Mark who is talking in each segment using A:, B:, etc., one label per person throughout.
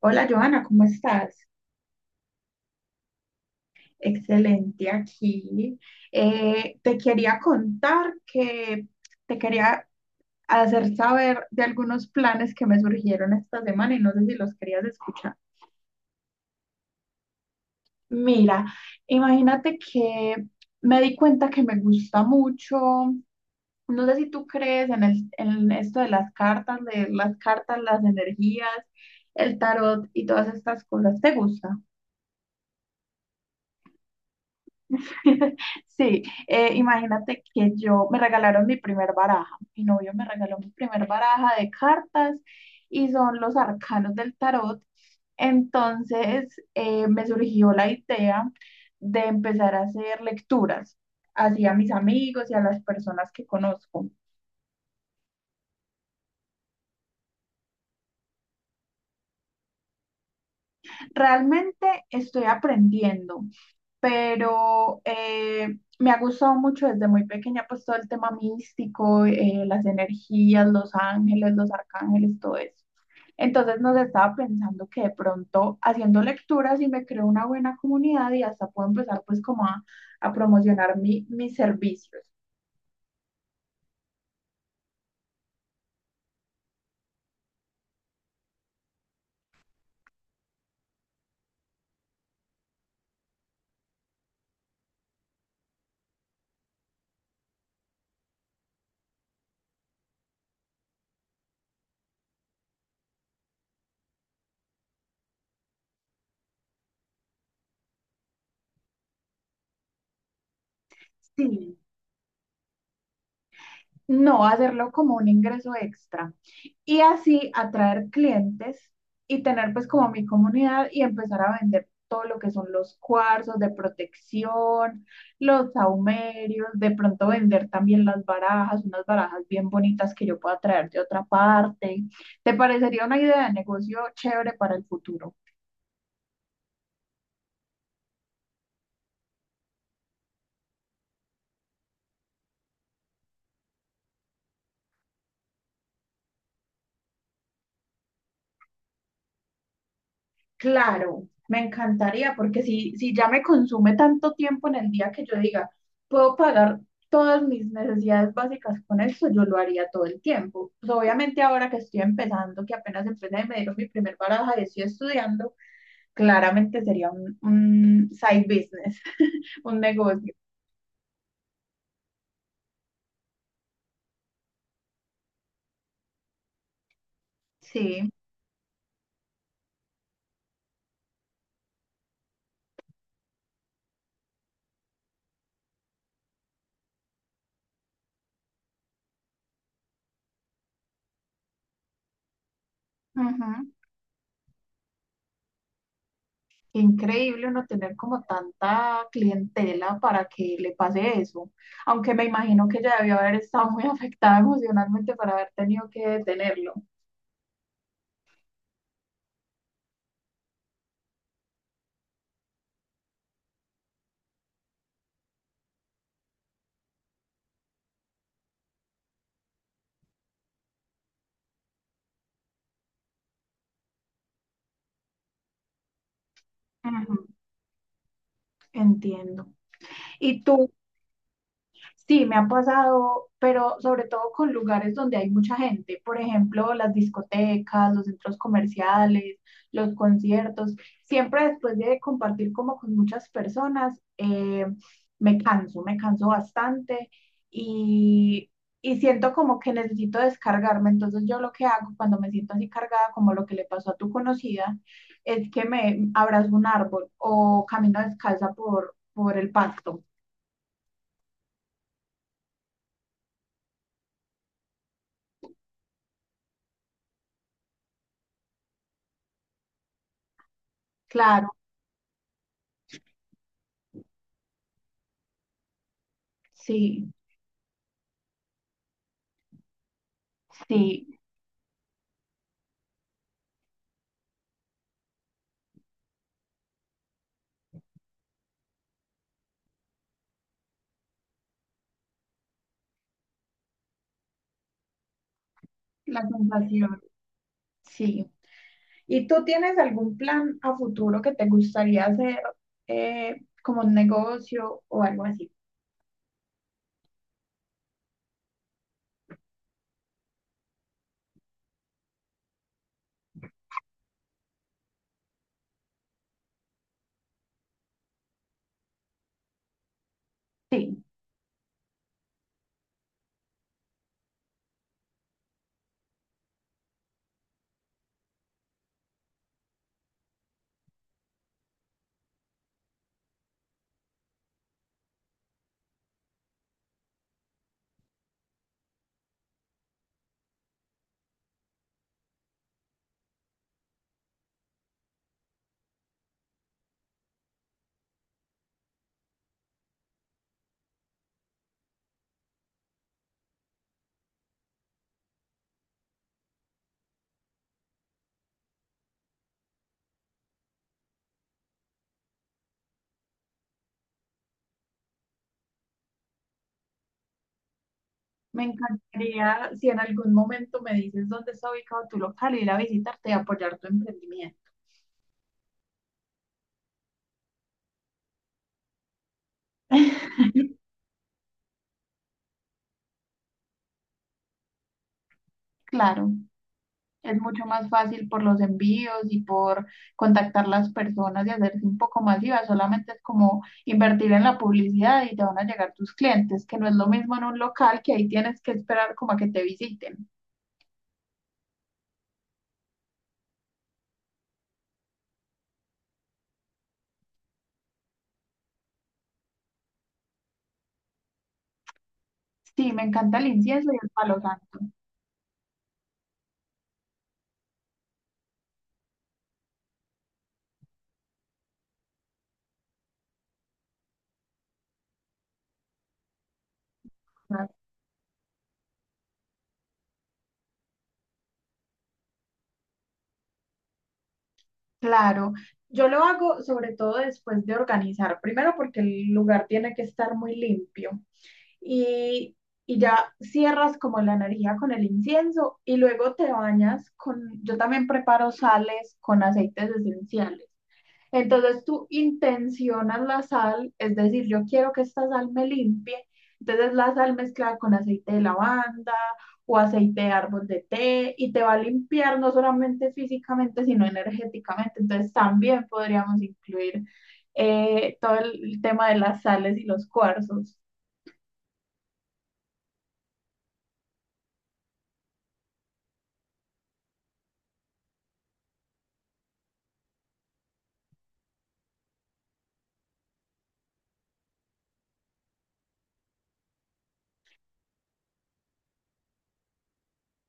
A: Hola Joana, ¿cómo estás? Excelente aquí. Te quería contar que te quería hacer saber de algunos planes que me surgieron esta semana y no sé si los querías escuchar. Mira, imagínate que me di cuenta que me gusta mucho. No sé si tú crees en, en esto de las cartas, las energías, el tarot y todas estas cosas. ¿Te gusta? Sí, imagínate que yo me regalaron mi primer baraja, mi novio me regaló mi primer baraja de cartas y son los arcanos del tarot. Entonces me surgió la idea de empezar a hacer lecturas así a mis amigos y a las personas que conozco. Realmente estoy aprendiendo, pero me ha gustado mucho desde muy pequeña, pues todo el tema místico, las energías, los ángeles, los arcángeles, todo eso. Entonces nos estaba pensando que de pronto haciendo lecturas y me creo una buena comunidad y hasta puedo empezar pues como a promocionar mis servicios. Sí. No hacerlo como un ingreso extra, y así atraer clientes y tener pues como mi comunidad y empezar a vender todo lo que son los cuarzos de protección, los saumerios, de pronto vender también las barajas, unas barajas bien bonitas que yo pueda traer de otra parte. ¿Te parecería una idea de negocio chévere para el futuro? Claro, me encantaría, porque si ya me consume tanto tiempo en el día que yo diga, puedo pagar todas mis necesidades básicas con esto, yo lo haría todo el tiempo. Pues obviamente ahora que estoy empezando, que apenas empecé y me dieron mi primer baraja y estoy estudiando, claramente sería un side business, un negocio. Sí. Qué increíble uno tener como tanta clientela para que le pase eso. Aunque me imagino que ella debió haber estado muy afectada emocionalmente para haber tenido que detenerlo. Ujú, entiendo. ¿Y tú? Sí, me ha pasado, pero sobre todo con lugares donde hay mucha gente, por ejemplo, las discotecas, los centros comerciales, los conciertos. Siempre después de compartir como con muchas personas, me canso bastante y, y siento como que necesito descargarme. Entonces yo lo que hago cuando me siento así cargada, como lo que le pasó a tu conocida, es que me abrazo un árbol o camino descalza por el pasto. Claro, sí. Sí, la sensación, sí. ¿Y tú tienes algún plan a futuro que te gustaría hacer eh, como un negocio o algo así? Sí, me encantaría si en algún momento me dices dónde está ubicado tu local, ir a visitarte y apoyar tu emprendimiento. Claro. Es mucho más fácil por los envíos y por contactar las personas y hacerse un poco masiva. Solamente es como invertir en la publicidad y te van a llegar tus clientes, que no es lo mismo en un local, que ahí tienes que esperar como a que te visiten. Sí, me encanta el incienso y el palo santo. Claro. Claro, yo lo hago sobre todo después de organizar, primero porque el lugar tiene que estar muy limpio y, y ya cierras como la energía con el incienso y luego te bañas con, yo también preparo sales con aceites esenciales. Entonces tú intencionas la sal, es decir, yo quiero que esta sal me limpie, entonces la sal mezclada con aceite de lavanda o aceite de árbol de té y te va a limpiar no solamente físicamente, sino energéticamente. Entonces también podríamos incluir todo el tema de las sales y los cuarzos.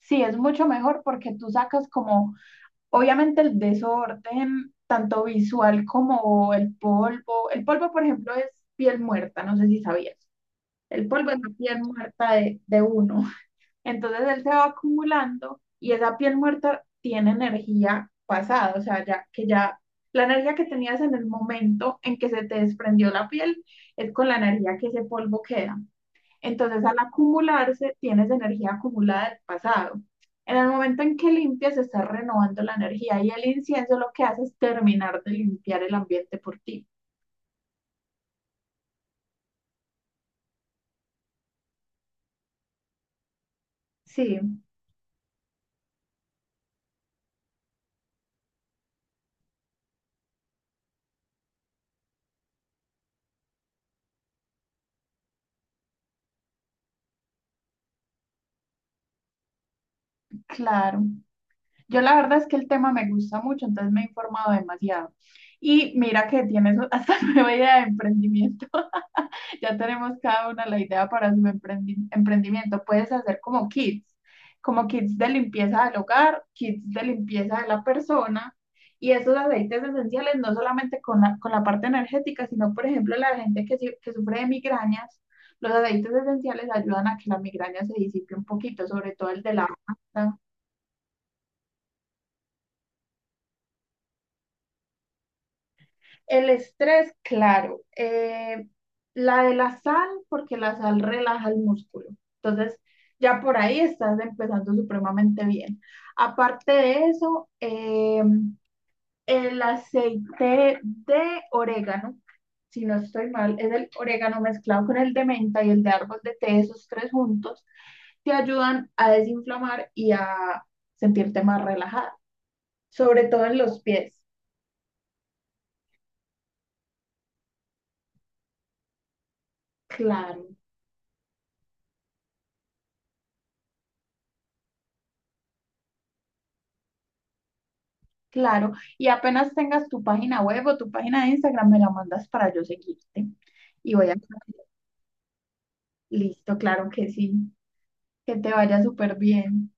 A: Sí, es mucho mejor porque tú sacas como, obviamente el desorden, tanto visual como el polvo. El polvo, por ejemplo, es piel muerta, no sé si sabías. El polvo es la piel muerta de uno. Entonces él se va acumulando y esa piel muerta tiene energía pasada, o sea, ya que ya la energía que tenías en el momento en que se te desprendió la piel es con la energía que ese polvo queda. Entonces, al acumularse, tienes energía acumulada del pasado. En el momento en que limpias, estás renovando la energía y el incienso lo que hace es terminar de limpiar el ambiente por ti. Sí, claro. Yo la verdad es que el tema me gusta mucho, entonces me he informado demasiado. Y mira que tienes hasta nueva idea de emprendimiento. Ya tenemos cada una la idea para su emprendimiento. Puedes hacer como kits de limpieza del hogar, kits de limpieza de la persona. Y esos aceites esenciales, no solamente con con la parte energética, sino, por ejemplo, la gente que, que sufre de migrañas, los aceites esenciales ayudan a que la migraña se disipe un poquito, sobre todo el de la El estrés, claro. La de la sal, porque la sal relaja el músculo. Entonces, ya por ahí estás empezando supremamente bien. Aparte de eso, el aceite de orégano, si no estoy mal, es el orégano mezclado con el de menta y el de árbol de té, esos tres juntos, te ayudan a desinflamar y a sentirte más relajada, sobre todo en los pies. Claro. Claro, y apenas tengas tu página web o tu página de Instagram, me la mandas para yo seguirte. Y voy a... Listo, claro que sí. Que te vaya súper bien.